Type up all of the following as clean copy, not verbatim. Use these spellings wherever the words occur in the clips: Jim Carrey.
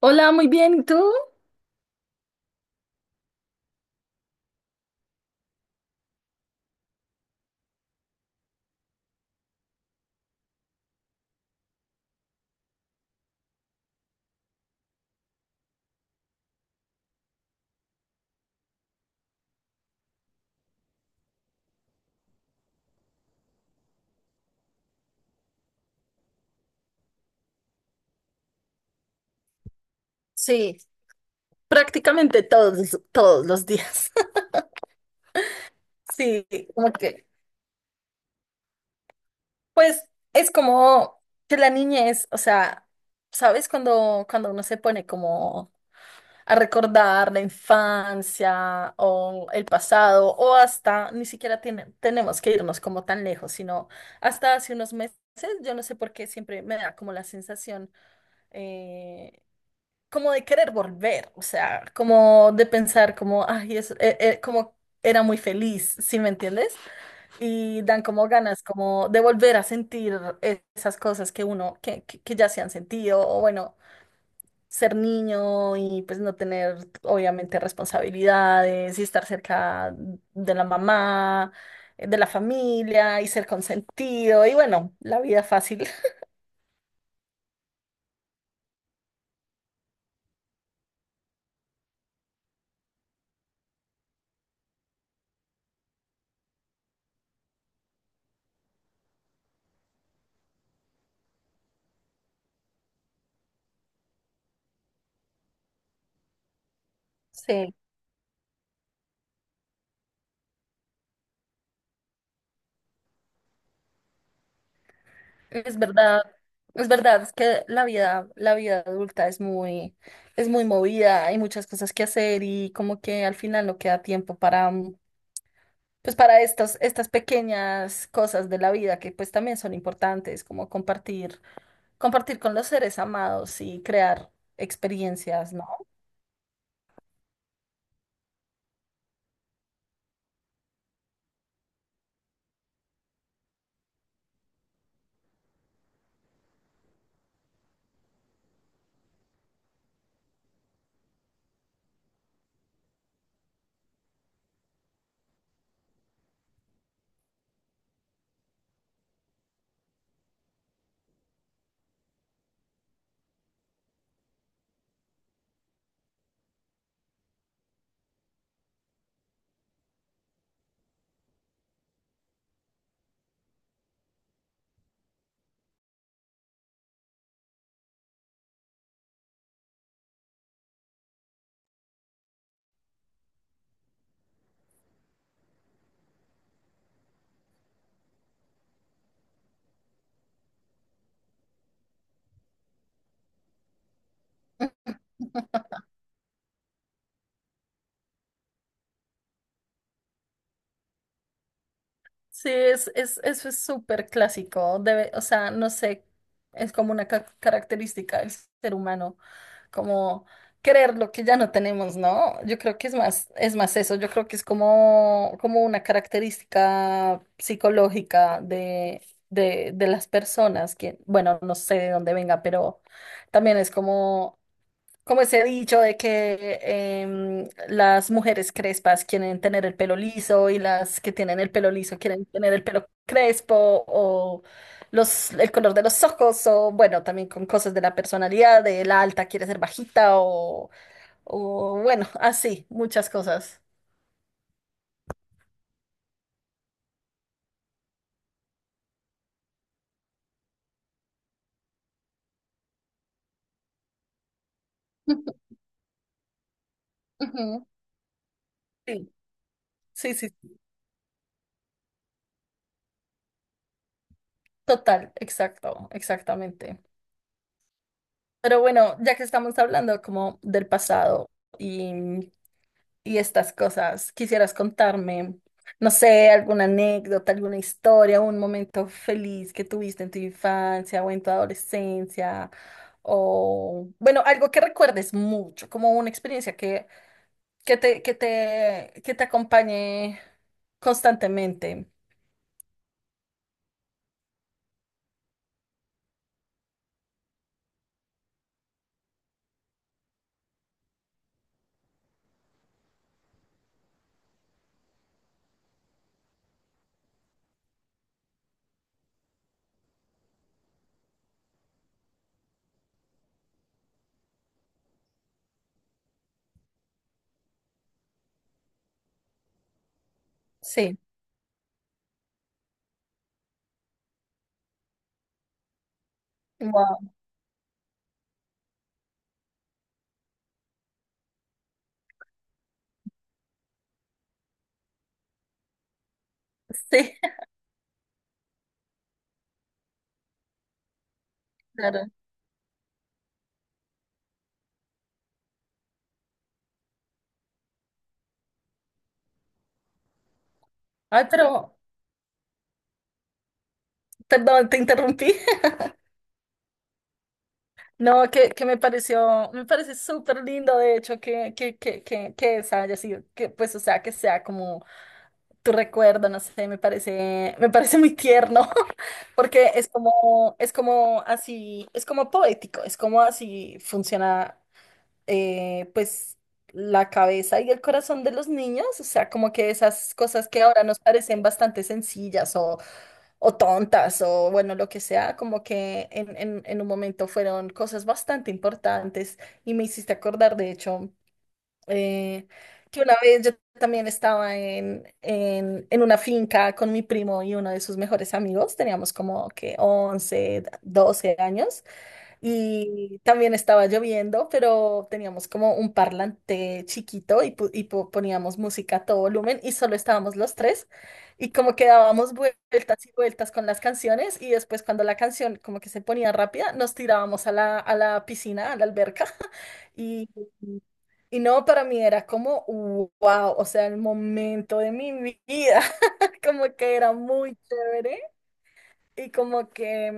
Hola, muy bien, ¿y tú? Sí, prácticamente todos los días. Sí, como que, pues es como que la niñez, o sea, ¿sabes? Cuando uno se pone como a recordar la infancia o el pasado o hasta, ni siquiera tenemos que irnos como tan lejos, sino hasta hace unos meses. Yo no sé por qué siempre me da como la sensación, eh, como de querer volver, o sea, como de pensar como, ay, como era muy feliz, ¿sí me entiendes? Y dan como ganas como de volver a sentir esas cosas que uno, que ya se han sentido. O bueno, ser niño y pues no tener obviamente responsabilidades y estar cerca de la mamá, de la familia y ser consentido y bueno, la vida fácil. Sí. Es verdad, es verdad, es que la vida adulta es muy movida. Hay muchas cosas que hacer y como que al final no queda tiempo para, pues para estas, pequeñas cosas de la vida que pues también son importantes, como compartir, compartir con los seres amados y crear experiencias, ¿no? Sí, eso es súper clásico, debe, o sea, no sé, es como una característica del ser humano como querer lo que ya no tenemos, ¿no? Yo creo que es más eso, yo creo que es como una característica psicológica de las personas, que, bueno, no sé de dónde venga, pero también es como ese dicho de que las mujeres crespas quieren tener el pelo liso y las que tienen el pelo liso quieren tener el pelo crespo o el color de los ojos, o bueno, también con cosas de la personalidad, de la alta quiere ser bajita, o bueno, así, muchas cosas. Ujú. Ujú. Sí, sí, sí, total, exacto, exactamente. Pero bueno, ya que estamos hablando como del pasado y y estas cosas, ¿quisieras contarme, no sé, alguna anécdota, alguna historia, un momento feliz que tuviste en tu infancia o en tu adolescencia? O, bueno, algo que recuerdes mucho, como una experiencia que te acompañe constantemente. Sí. Wow. Sí, claro. Ay, pero, perdón, te interrumpí. No, me parece súper lindo, de hecho, que esa haya sido, que pues, o sea, que sea como tu recuerdo, no sé, me parece muy tierno, porque es como así, es como poético, es como así funciona, pues, la cabeza y el corazón de los niños, o sea, como que esas cosas que ahora nos parecen bastante sencillas o tontas o bueno, lo que sea, como que en un momento fueron cosas bastante importantes. Y me hiciste acordar, de hecho, eh, que una vez yo también estaba en una finca con mi primo y uno de sus mejores amigos, teníamos como que 11 12 años. Y también estaba lloviendo, pero teníamos como un parlante chiquito y, poníamos música a todo volumen y solo estábamos los tres, y como que dábamos vueltas y vueltas con las canciones, y después cuando la canción como que se ponía rápida nos tirábamos a la piscina, a la alberca. y, y no, para mí era como wow, o sea, el momento de mi vida, como que era muy chévere. Y como que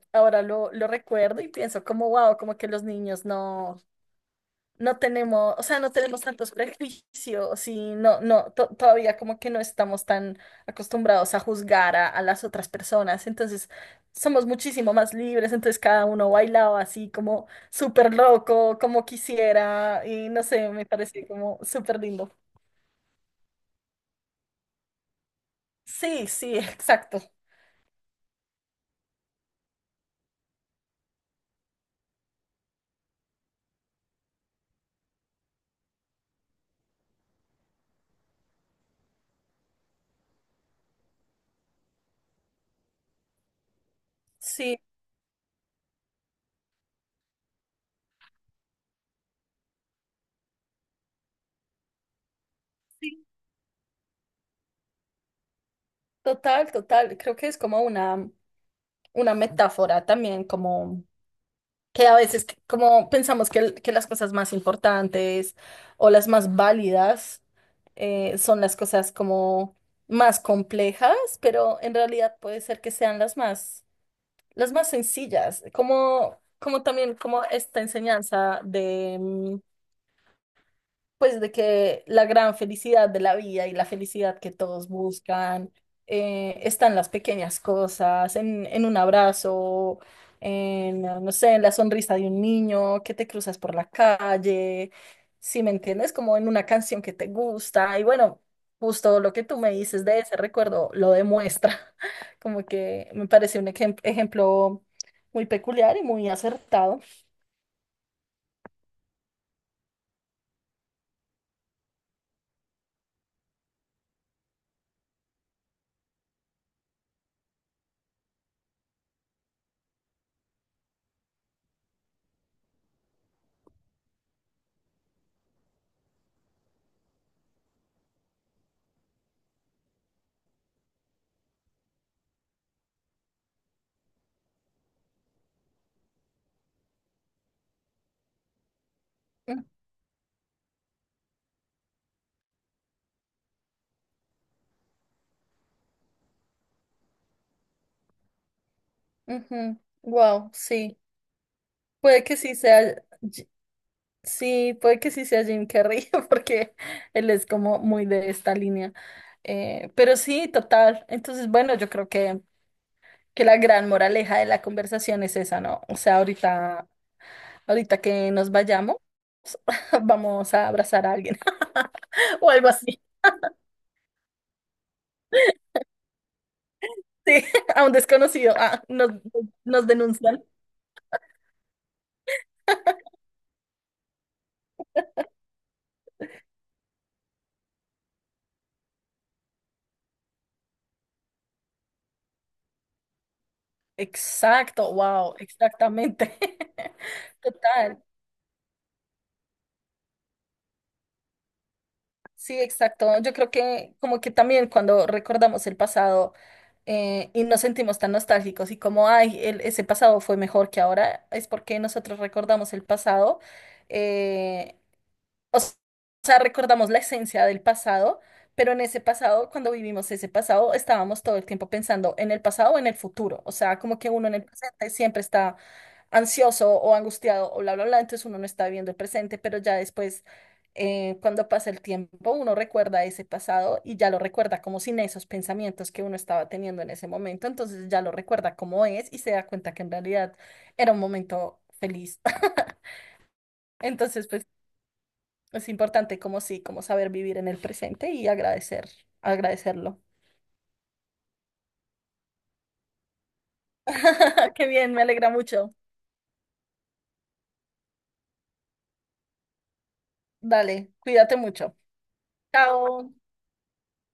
ahora lo recuerdo y pienso como, wow, como que los niños no tenemos, o sea, no tenemos tantos prejuicios y no, no, todavía como que no estamos tan acostumbrados a juzgar a las otras personas. Entonces, somos muchísimo más libres, entonces cada uno bailaba así como súper loco, como quisiera, y no sé, me parece como súper lindo. Sí, sí, exacto. Sí, total, total. Creo que es como una metáfora también como que a veces como pensamos que, que las cosas más importantes o las más válidas, son las cosas como más complejas, pero en realidad puede ser que sean las más sencillas, como, también como esta enseñanza, pues de que la gran felicidad de la vida y la felicidad que todos buscan, está en las pequeñas cosas, en un abrazo, en, no sé, en la sonrisa de un niño que te cruzas por la calle, si me entiendes, como en una canción que te gusta. Y bueno, justo lo que tú me dices de ese recuerdo lo demuestra, como que me parece un ejemplo muy peculiar y muy acertado. Mm, ujú. Wow, sí. Puede que sí sea. Sí, puede que sí sea Jim Carrey, porque él es como muy de esta línea. Pero sí, total. Entonces, bueno, yo creo que la gran moraleja de la conversación es esa, ¿no? O sea, ahorita que nos vayamos, vamos a abrazar a alguien o algo así. Sí, a un desconocido. Ah, nos denuncian. Exacto, wow, exactamente. Total. Sí, exacto. Yo creo que como que también cuando recordamos el pasado, y nos sentimos tan nostálgicos y como, ay, ese pasado fue mejor que ahora, es porque nosotros recordamos el pasado, eh, o s- o sea, recordamos la esencia del pasado, pero en ese pasado, cuando vivimos ese pasado, estábamos todo el tiempo pensando en el pasado o en el futuro. O sea, como que uno en el presente siempre está ansioso o angustiado o bla, bla, bla, entonces uno no está viviendo el presente, pero ya después, cuando pasa el tiempo, uno recuerda ese pasado y ya lo recuerda como sin esos pensamientos que uno estaba teniendo en ese momento, entonces ya lo recuerda como es y se da cuenta que en realidad era un momento feliz. Entonces, pues es importante como sí, como saber vivir en el presente y agradecerlo. Qué bien, me alegra mucho. Dale, cuídate mucho. Chao.